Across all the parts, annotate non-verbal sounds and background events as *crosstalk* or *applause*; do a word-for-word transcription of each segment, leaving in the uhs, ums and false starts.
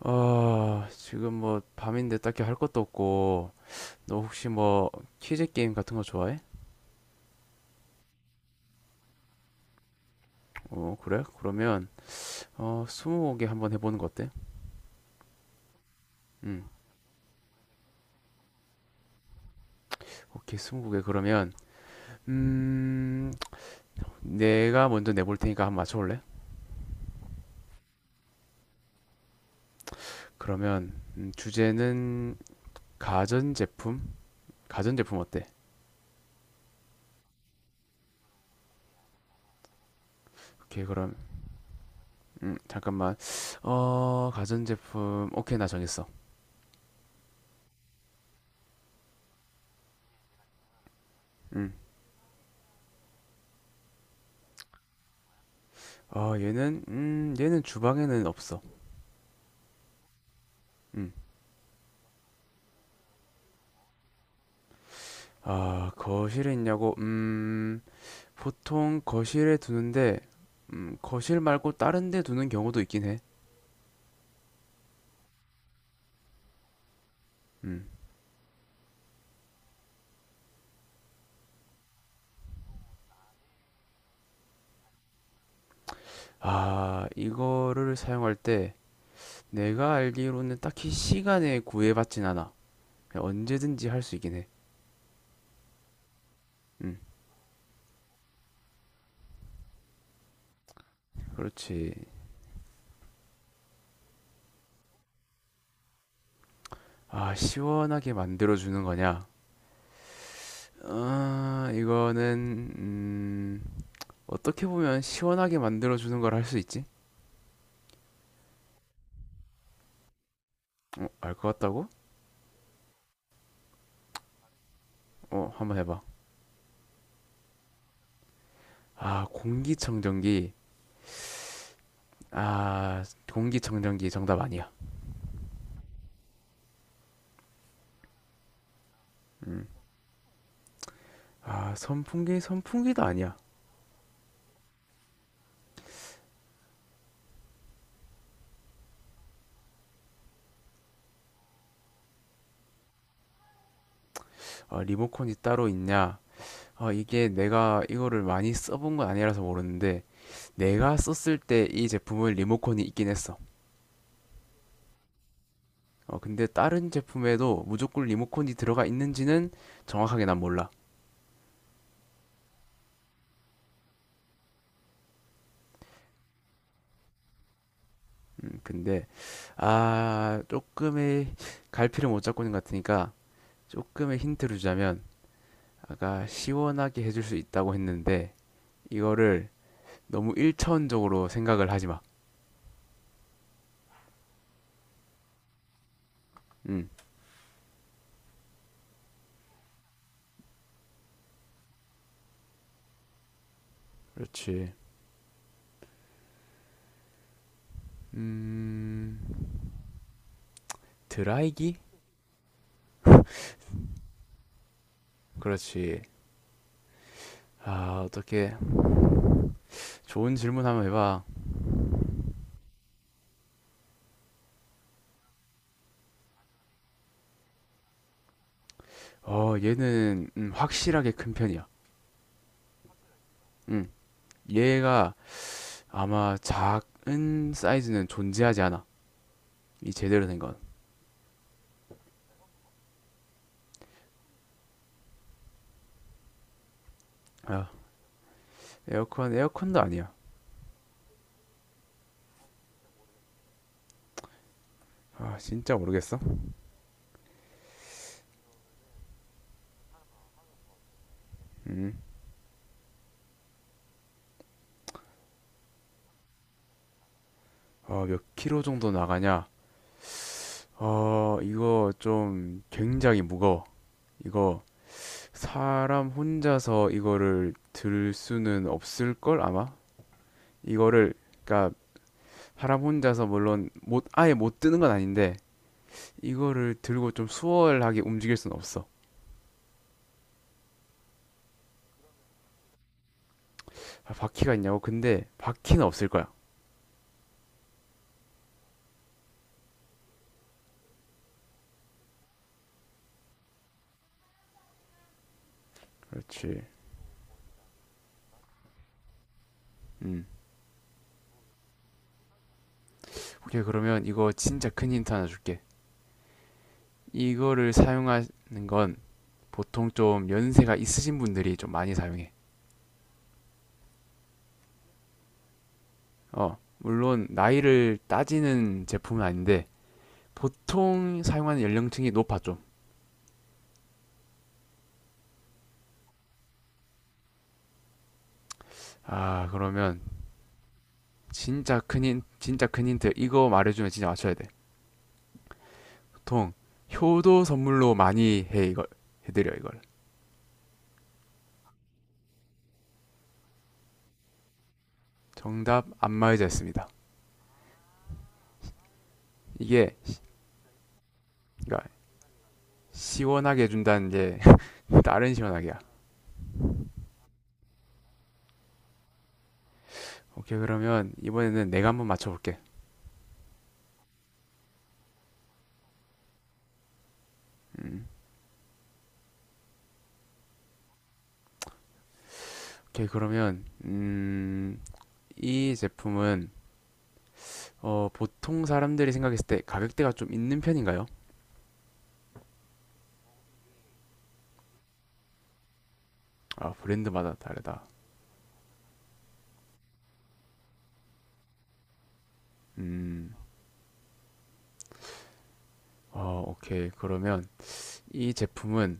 아, 지금 뭐 밤인데 딱히 할 것도 없고, 너 혹시 뭐 퀴즈 게임 같은 거 좋아해? 어, 그래? 그러면 어, 스무고개 한번 해보는 거 어때? 음, 오케이, 스무고개 그러면 음, 내가 먼저 내볼 테니까 한번 맞춰볼래? 그러면 음, 주제는 가전제품? 가전제품 어때? 오케이, 그럼 음, 잠깐만. 어, 가전제품. 오케이, 나 정했어. 음, 어, 얘는 음, 얘는 주방에는 없어. 음. 아, 거실에 있냐고? 음, 보통 거실에 두는데, 음, 거실 말고 다른 데 두는 경우도 있긴 해. 음. 아, 이거를 사용할 때 내가 알기로는 딱히 시간에 구애받진 않아. 그냥 언제든지 할 수 있긴 해. 음, 그렇지. 아, 시원하게 만들어주는 거냐? 아, 이거는, 음, 어떻게 보면 시원하게 만들어주는 걸 할 수 있지? 어, 알 것 같다고? 어, 한번 해봐. 아, 공기청정기. 아, 공기청정기 정답 아니야. 음. 아, 선풍기, 선풍기도 아니야. 어, 리모컨이 따로 있냐? 어, 이게 내가 이거를 많이 써본 건 아니라서 모르는데, 내가 썼을 때 이 제품은 리모컨이 있긴 했어. 어, 근데 다른 제품에도 무조건 리모컨이 들어가 있는지는 정확하게 난 몰라. 음, 근데, 아, 조금의 갈피를 못 잡고 있는 것 같으니까, 조금의 힌트를 주자면, 아까 시원하게 해줄 수 있다고 했는데, 이거를 너무 일차원적으로 생각을 하지 마. 음, 그렇지. 음, 드라이기? 그렇지. 아, 어떻게 좋은 질문 한번 해봐. 어, 얘는 음, 확실하게 큰 편이야. 음, 얘가 아마 작은 사이즈는 존재하지 않아. 이 제대로 된 건. 아, 에어컨, 에어컨도 아니야. 아, 진짜 모르겠어. 음, 어, 몇 킬로 정도 나가냐? 어, 이거 좀 굉장히 무거워. 이거 사람 혼자서 이거를 들 수는 없을 걸 아마 이거를 그러니까 사람 혼자서 물론 못 아예 못 드는 건 아닌데 이거를 들고 좀 수월하게 움직일 수는 없어. 아, 바퀴가 있냐고 근데 바퀴는 없을 거야. 그렇지. 음, 오케이 그러면 이거 진짜 큰 힌트 하나 줄게. 이거를 사용하는 건 보통 좀 연세가 있으신 분들이 좀 많이 사용해. 어 물론 나이를 따지는 제품은 아닌데 보통 사용하는 연령층이 높아 좀. 아, 그러면 진짜 큰 힌, 진짜 큰 힌트. 이거 말해주면 진짜 맞춰야 돼. 보통 효도 선물로 많이 해 이걸 해드려 이걸. 정답 안마의자였습니다. 이게 그러니까 시원하게 해준다는 게 *laughs* 다른 시원하게야. 오케이 그러면 이번에는 내가 한번 맞춰볼게. 음, 오케이 그러면 음, 이 제품은 어, 보통 사람들이 생각했을 때 가격대가 좀 있는 편인가요? 아 브랜드마다 다르다. 음, 어, 오케이 그러면 이 제품은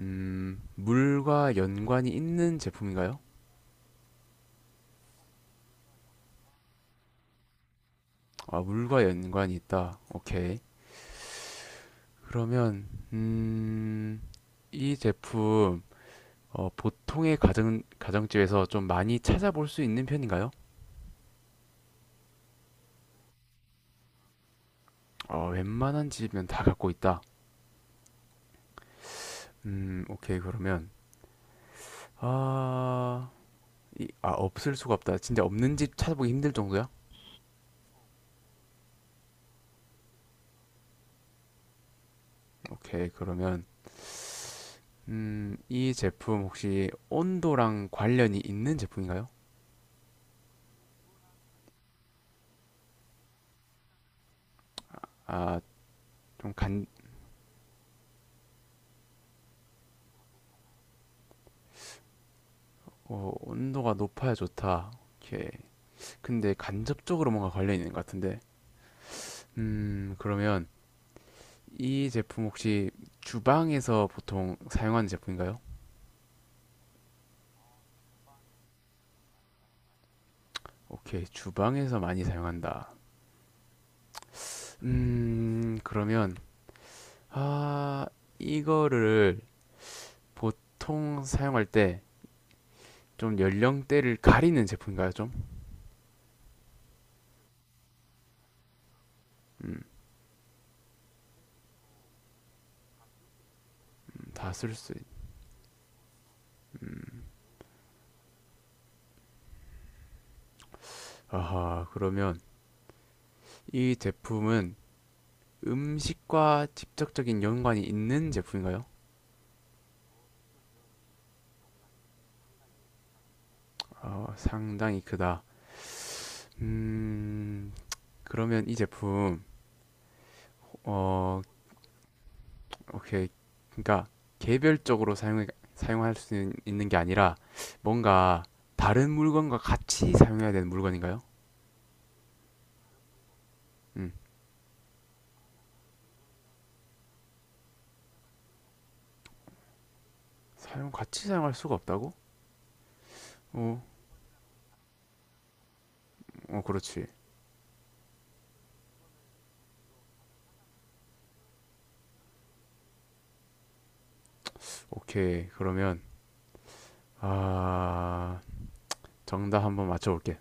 음, 물과 연관이 있는 제품인가요? 아, 물과 연관이 있다. 오케이. 그러면, 음, 이 제품, 어, 보통의 가정, 가정집에서 좀 많이 찾아볼 수 있는 편인가요? 어, 웬만한 집은 다 갖고 있다. 음, 오케이. 그러면, 아, 이, 아, 없을 수가 없다. 진짜 없는 집 찾아보기 힘들 정도야? 오케이. 그러면, 음, 이 제품 혹시 온도랑 관련이 있는 제품인가요? 아, 좀 간, 어, 온도가 높아야 좋다. 오케이. 근데 간접적으로 뭔가 관련이 있는 것 같은데. 음, 그러면 이 제품 혹시 주방에서 보통 사용하는 제품인가요? 오케이. 주방에서 많이 사용한다. 음, 그러면, 아, 이거를 보통 사용할 때 좀 연령대를 가리는 제품인가요? 좀? 다 쓸 수, 있... 아하, 그러면 이 제품은 음식과 직접적인 연관이 있는 제품인가요? 어, 상당히 크다. 음, 그러면 이 제품, 어, 오케이. 그러니까 개별적으로 사용, 사용할 수 있는, 게 아니라 뭔가 다른 물건과 같이 사용해야 되는 물건인가요? 음, 사용, 같이 사용할 수가 없다고? 어, 어, 그렇지. 오케이. 그러면, 아, 정답 한번 맞춰볼게.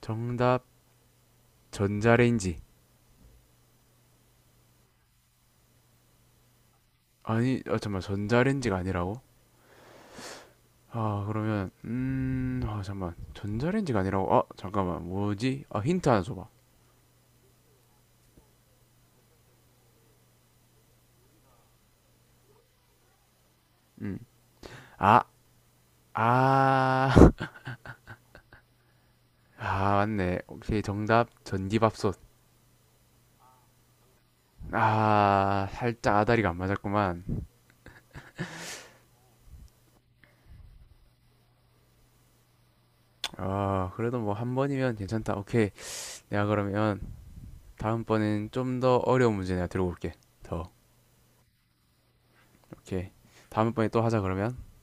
정답, 전자레인지. 아니, 아, 잠깐만, 전자레인지가 아니라고? 아, 그러면, 음, 아, 잠깐만. 전자레인지가 아니라고, 아, 잠깐만. 뭐지? 아, 힌트 하나 줘봐. 아, 아, *laughs* 아, 맞네. 오케이, 정답. 전기밥솥. 아, 살짝 아다리가 안 맞았구만. 아, 그래도 뭐 한 번이면 괜찮다. 오케이. 내가 그러면 다음번엔 좀 더 어려운 문제 내가 들고 올게. 더. 오케이. 다음번에 또 하자, 그러면.